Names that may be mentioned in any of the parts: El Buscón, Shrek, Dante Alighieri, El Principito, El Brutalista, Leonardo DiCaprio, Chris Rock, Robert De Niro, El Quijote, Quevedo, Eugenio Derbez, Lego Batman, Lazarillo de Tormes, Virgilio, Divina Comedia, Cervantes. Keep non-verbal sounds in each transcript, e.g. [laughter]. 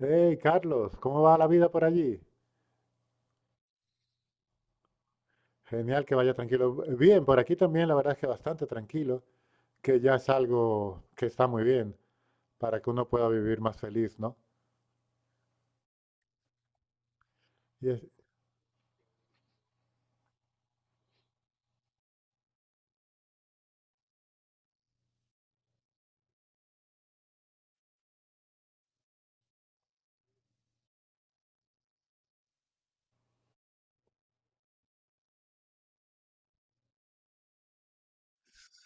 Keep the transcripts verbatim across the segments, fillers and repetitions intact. Hey, Carlos, ¿cómo va la vida por allí? Genial que vaya tranquilo. Bien, por aquí también la verdad es que bastante tranquilo, que ya es algo que está muy bien para que uno pueda vivir más feliz, ¿no? Y es-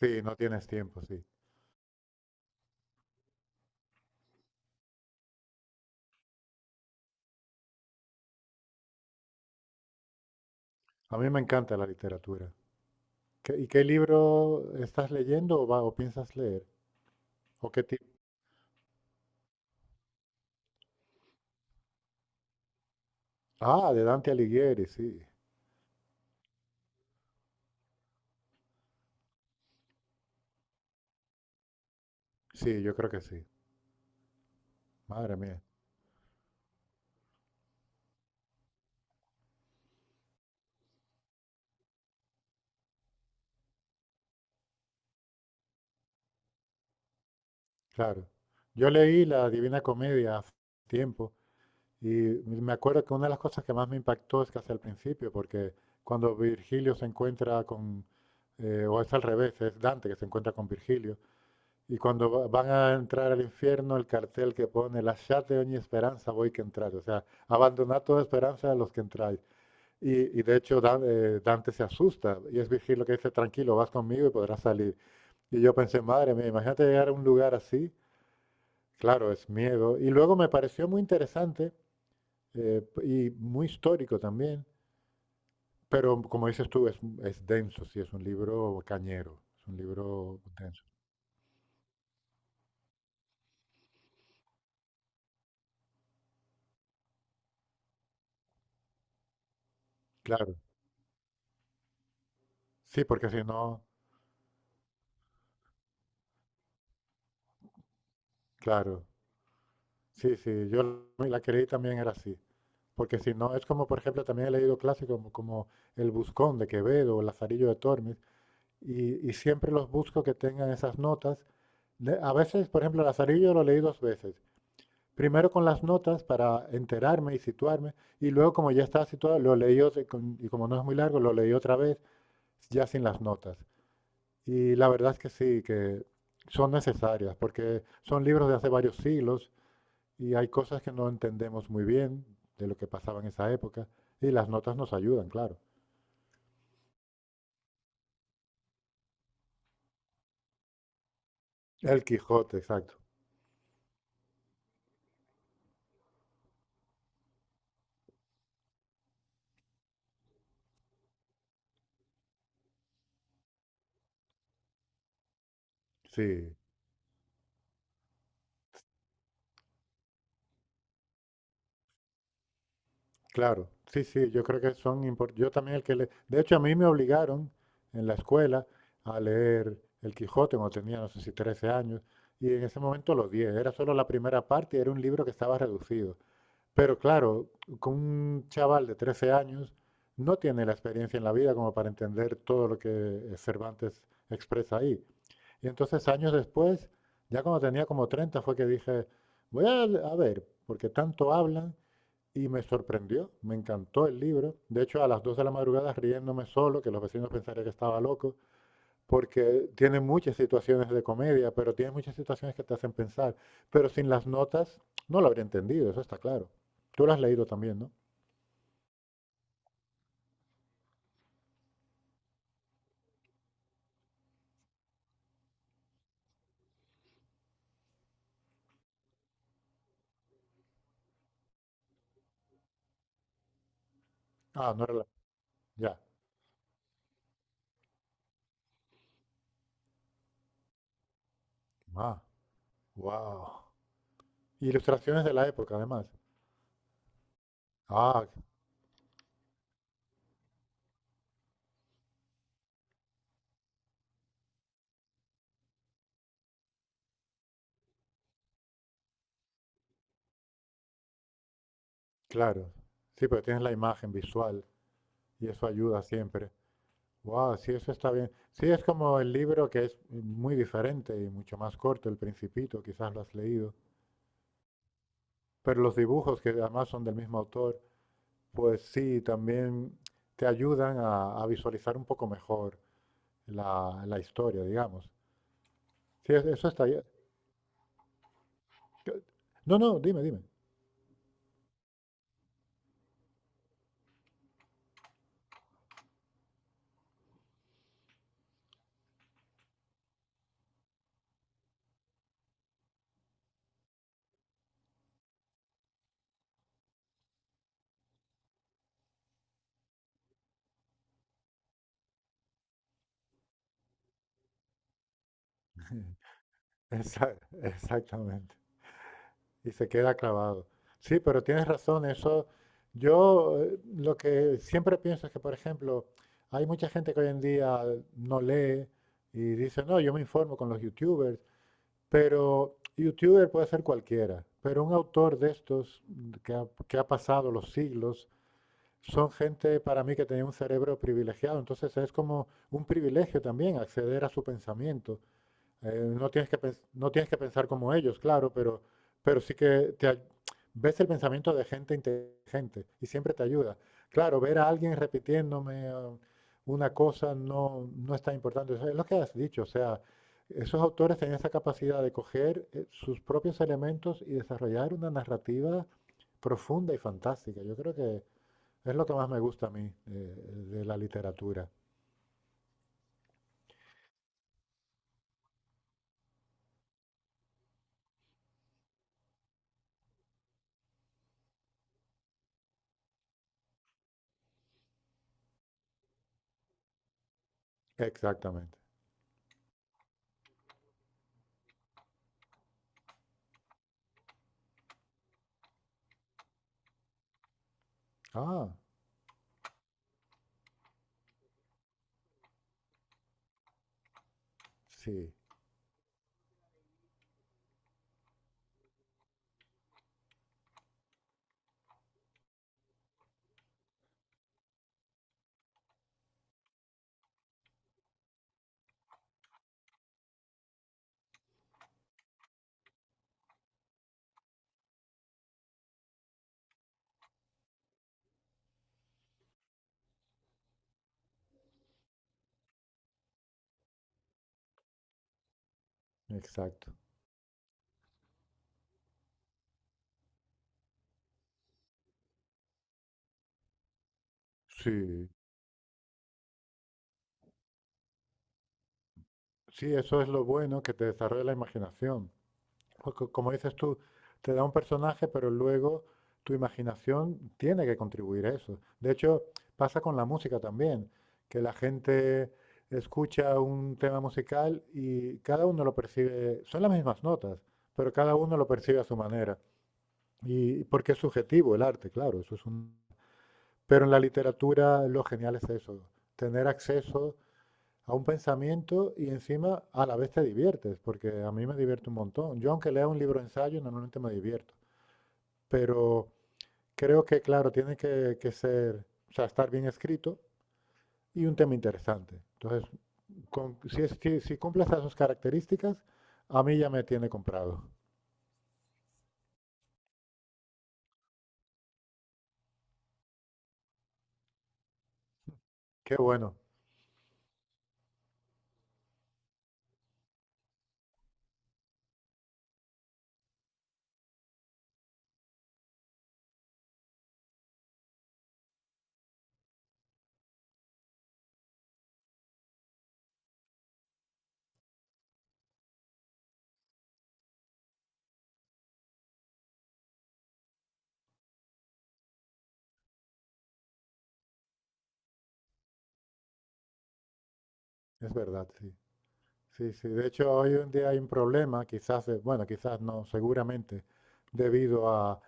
sí, no tienes tiempo, sí. A mí me encanta la literatura. ¿Qué- ¿Y qué libro estás leyendo o, va- o piensas leer? ¿O qué tipo? Ah, de Dante Alighieri, sí. Sí, yo creo que sí. Madre mía, claro. Yo leí la Divina Comedia hace tiempo. Y me acuerdo que una de las cosas que más me impactó es casi al principio, porque cuando Virgilio se encuentra con, eh, o es al revés, es Dante que se encuentra con Virgilio, y cuando va- van a entrar al infierno, el cartel que pone, lasciate ogni esperanza voi que entráis, o sea, abandonad toda esperanza a los que entráis. Y, y de hecho Dan- eh, Dante se asusta, y es Virgilio que dice, tranquilo, vas conmigo y podrás salir. Y yo pensé, madre mía, imagínate llegar a un lugar así, claro, es miedo. Y luego me pareció muy interesante eh, y muy histórico también, pero como dices tú, es, es denso, sí, es un libro cañero, es un libro denso. Claro, sí, porque si no, claro, sí, sí, yo la la que leí también era así, porque si no, es como, por ejemplo, también he leído clásicos como, como El Buscón de Quevedo o Lazarillo de Tormes, y, y siempre los busco que tengan esas notas. Le- A veces, por ejemplo, Lazarillo lo leí dos veces. Primero con las notas para enterarme y situarme, y luego como ya estaba situado, lo leí otra- con- y como no es muy largo, lo leí otra vez ya sin las notas. Y la verdad es que sí, que son necesarias, porque son libros de hace varios siglos y hay cosas que no entendemos muy bien de lo que pasaba en esa época, y las notas nos ayudan, claro. El Quijote, exacto. Sí, claro, sí, sí, yo creo que son importantes. Yo también el que le... De hecho, a mí me obligaron en la escuela a leer El Quijote cuando tenía, no sé si trece años, y en ese momento lo odié. Era solo la primera parte y era un libro que estaba reducido. Pero claro, con un chaval de trece años no tiene la experiencia en la vida como para entender todo lo que eh, Cervantes expresa ahí. Y entonces años después, ya cuando tenía como treinta fue que dije, voy a, a ver, porque tanto hablan. Y me sorprendió, me encantó el libro. De hecho, a las dos de la madrugada riéndome solo, que los vecinos pensarían que estaba loco, porque tiene muchas situaciones de comedia, pero tiene muchas situaciones que te hacen pensar. Pero sin las notas no lo habría entendido, eso está claro. Tú lo has leído también, ¿no? Ah, no era la- Ya. Ah, wow. Ilustraciones de la época, además. Ah, claro. Sí, pero tienes la imagen visual y eso ayuda siempre. Wow, sí, eso está bien. Sí, es como el libro que es muy diferente y mucho más corto, El Principito, quizás lo has leído. Pero los dibujos, que además son del mismo autor, pues sí, también te ayudan a, a visualizar un poco mejor la, la historia, digamos. Sí, es- eso está bien. No, no, dime, dime. Exa- [laughs] Exactamente. Y se queda clavado. Sí, pero tienes razón, eso. Yo eh, lo que siempre pienso es que, por ejemplo, hay mucha gente que hoy en día no lee y dice, no, yo me informo con los youtubers, pero youtuber puede ser cualquiera, pero un autor de estos que ha, que ha pasado los siglos son gente para mí que tenía un cerebro privilegiado, entonces es como un privilegio también acceder a su pensamiento. Eh, no tienes que pens- no tienes que pensar como ellos, claro, pero, pero sí que te, ay- ves el pensamiento de gente inteligente y siempre te ayuda. Claro, ver a alguien repitiéndome eh, una cosa no, no es tan importante. Eso es lo que has dicho, o sea, esos autores tenían esa capacidad de coger eh, sus propios elementos y desarrollar una narrativa profunda y fantástica. Yo creo que es lo que más me gusta a mí eh, de la literatura. Exactamente. Ah, sí, exacto. Sí, sí, eso es lo bueno, que te desarrolla la imaginación. Porque, como dices tú, te da un personaje, pero luego tu imaginación tiene que contribuir a eso. De hecho, pasa con la música también, que la gente escucha un tema musical y cada uno lo percibe, son las mismas notas, pero cada uno lo percibe a su manera. Y porque es subjetivo el arte, claro, eso es un... Pero en la literatura lo genial es eso, tener acceso a un pensamiento y encima a la vez te diviertes, porque a mí me divierte un montón. Yo aunque lea un libro de ensayo, normalmente me divierto, pero creo que, claro, tiene que, que ser, o sea, estar bien escrito y un tema interesante. Entonces, con- si, es- si, si cumple esas dos características, a mí ya me tiene comprado. Qué bueno, es verdad, sí. Sí, sí. De hecho, hoy en día hay un problema, quizás, de- bueno, quizás no, seguramente, debido a-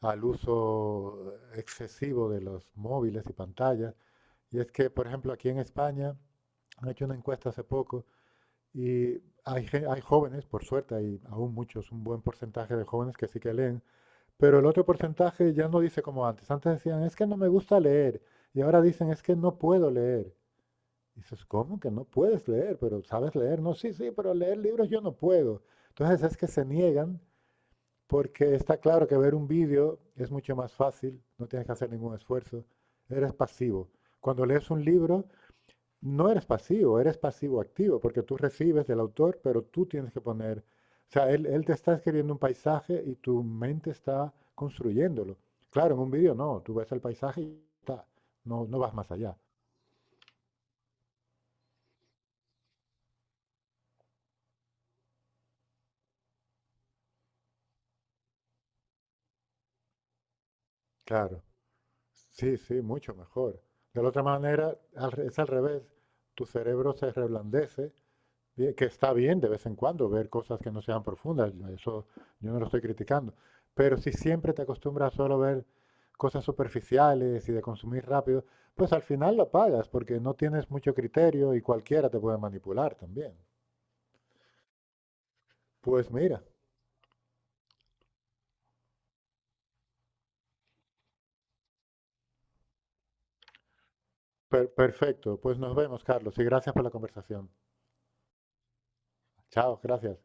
al uso excesivo de los móviles y pantallas. Y es que, por ejemplo, aquí en España han hecho una encuesta hace poco y hay, gen- hay jóvenes, por suerte, hay aún muchos, un buen porcentaje de jóvenes que sí que leen, pero el otro porcentaje ya no dice como antes. Antes decían, es que no me gusta leer, y ahora dicen, es que no puedo leer. Dices, ¿cómo que no puedes leer? Pero sabes leer. No, sí, sí, pero leer libros yo no puedo. Entonces es que se niegan porque está claro que ver un vídeo es mucho más fácil, no tienes que hacer ningún esfuerzo, eres pasivo. Cuando lees un libro, no eres pasivo, eres pasivo-activo, porque tú recibes del autor, pero tú tienes que poner, o sea, él, él te está escribiendo un paisaje y tu mente está construyéndolo. Claro, en un vídeo no, tú ves el paisaje y está, no, no vas más allá. Claro. Sí, sí, mucho mejor. De la otra manera, al re- es al revés. Tu cerebro se reblandece, bien, que está bien de vez en cuando ver cosas que no sean profundas. Yo Eso yo no lo estoy criticando. Pero si siempre te acostumbras solo a ver cosas superficiales y de consumir rápido, pues al final lo pagas porque no tienes mucho criterio y cualquiera te puede manipular también. Pues mira, per- perfecto. Pues nos vemos, Carlos, y gracias por la conversación. Chao, gracias.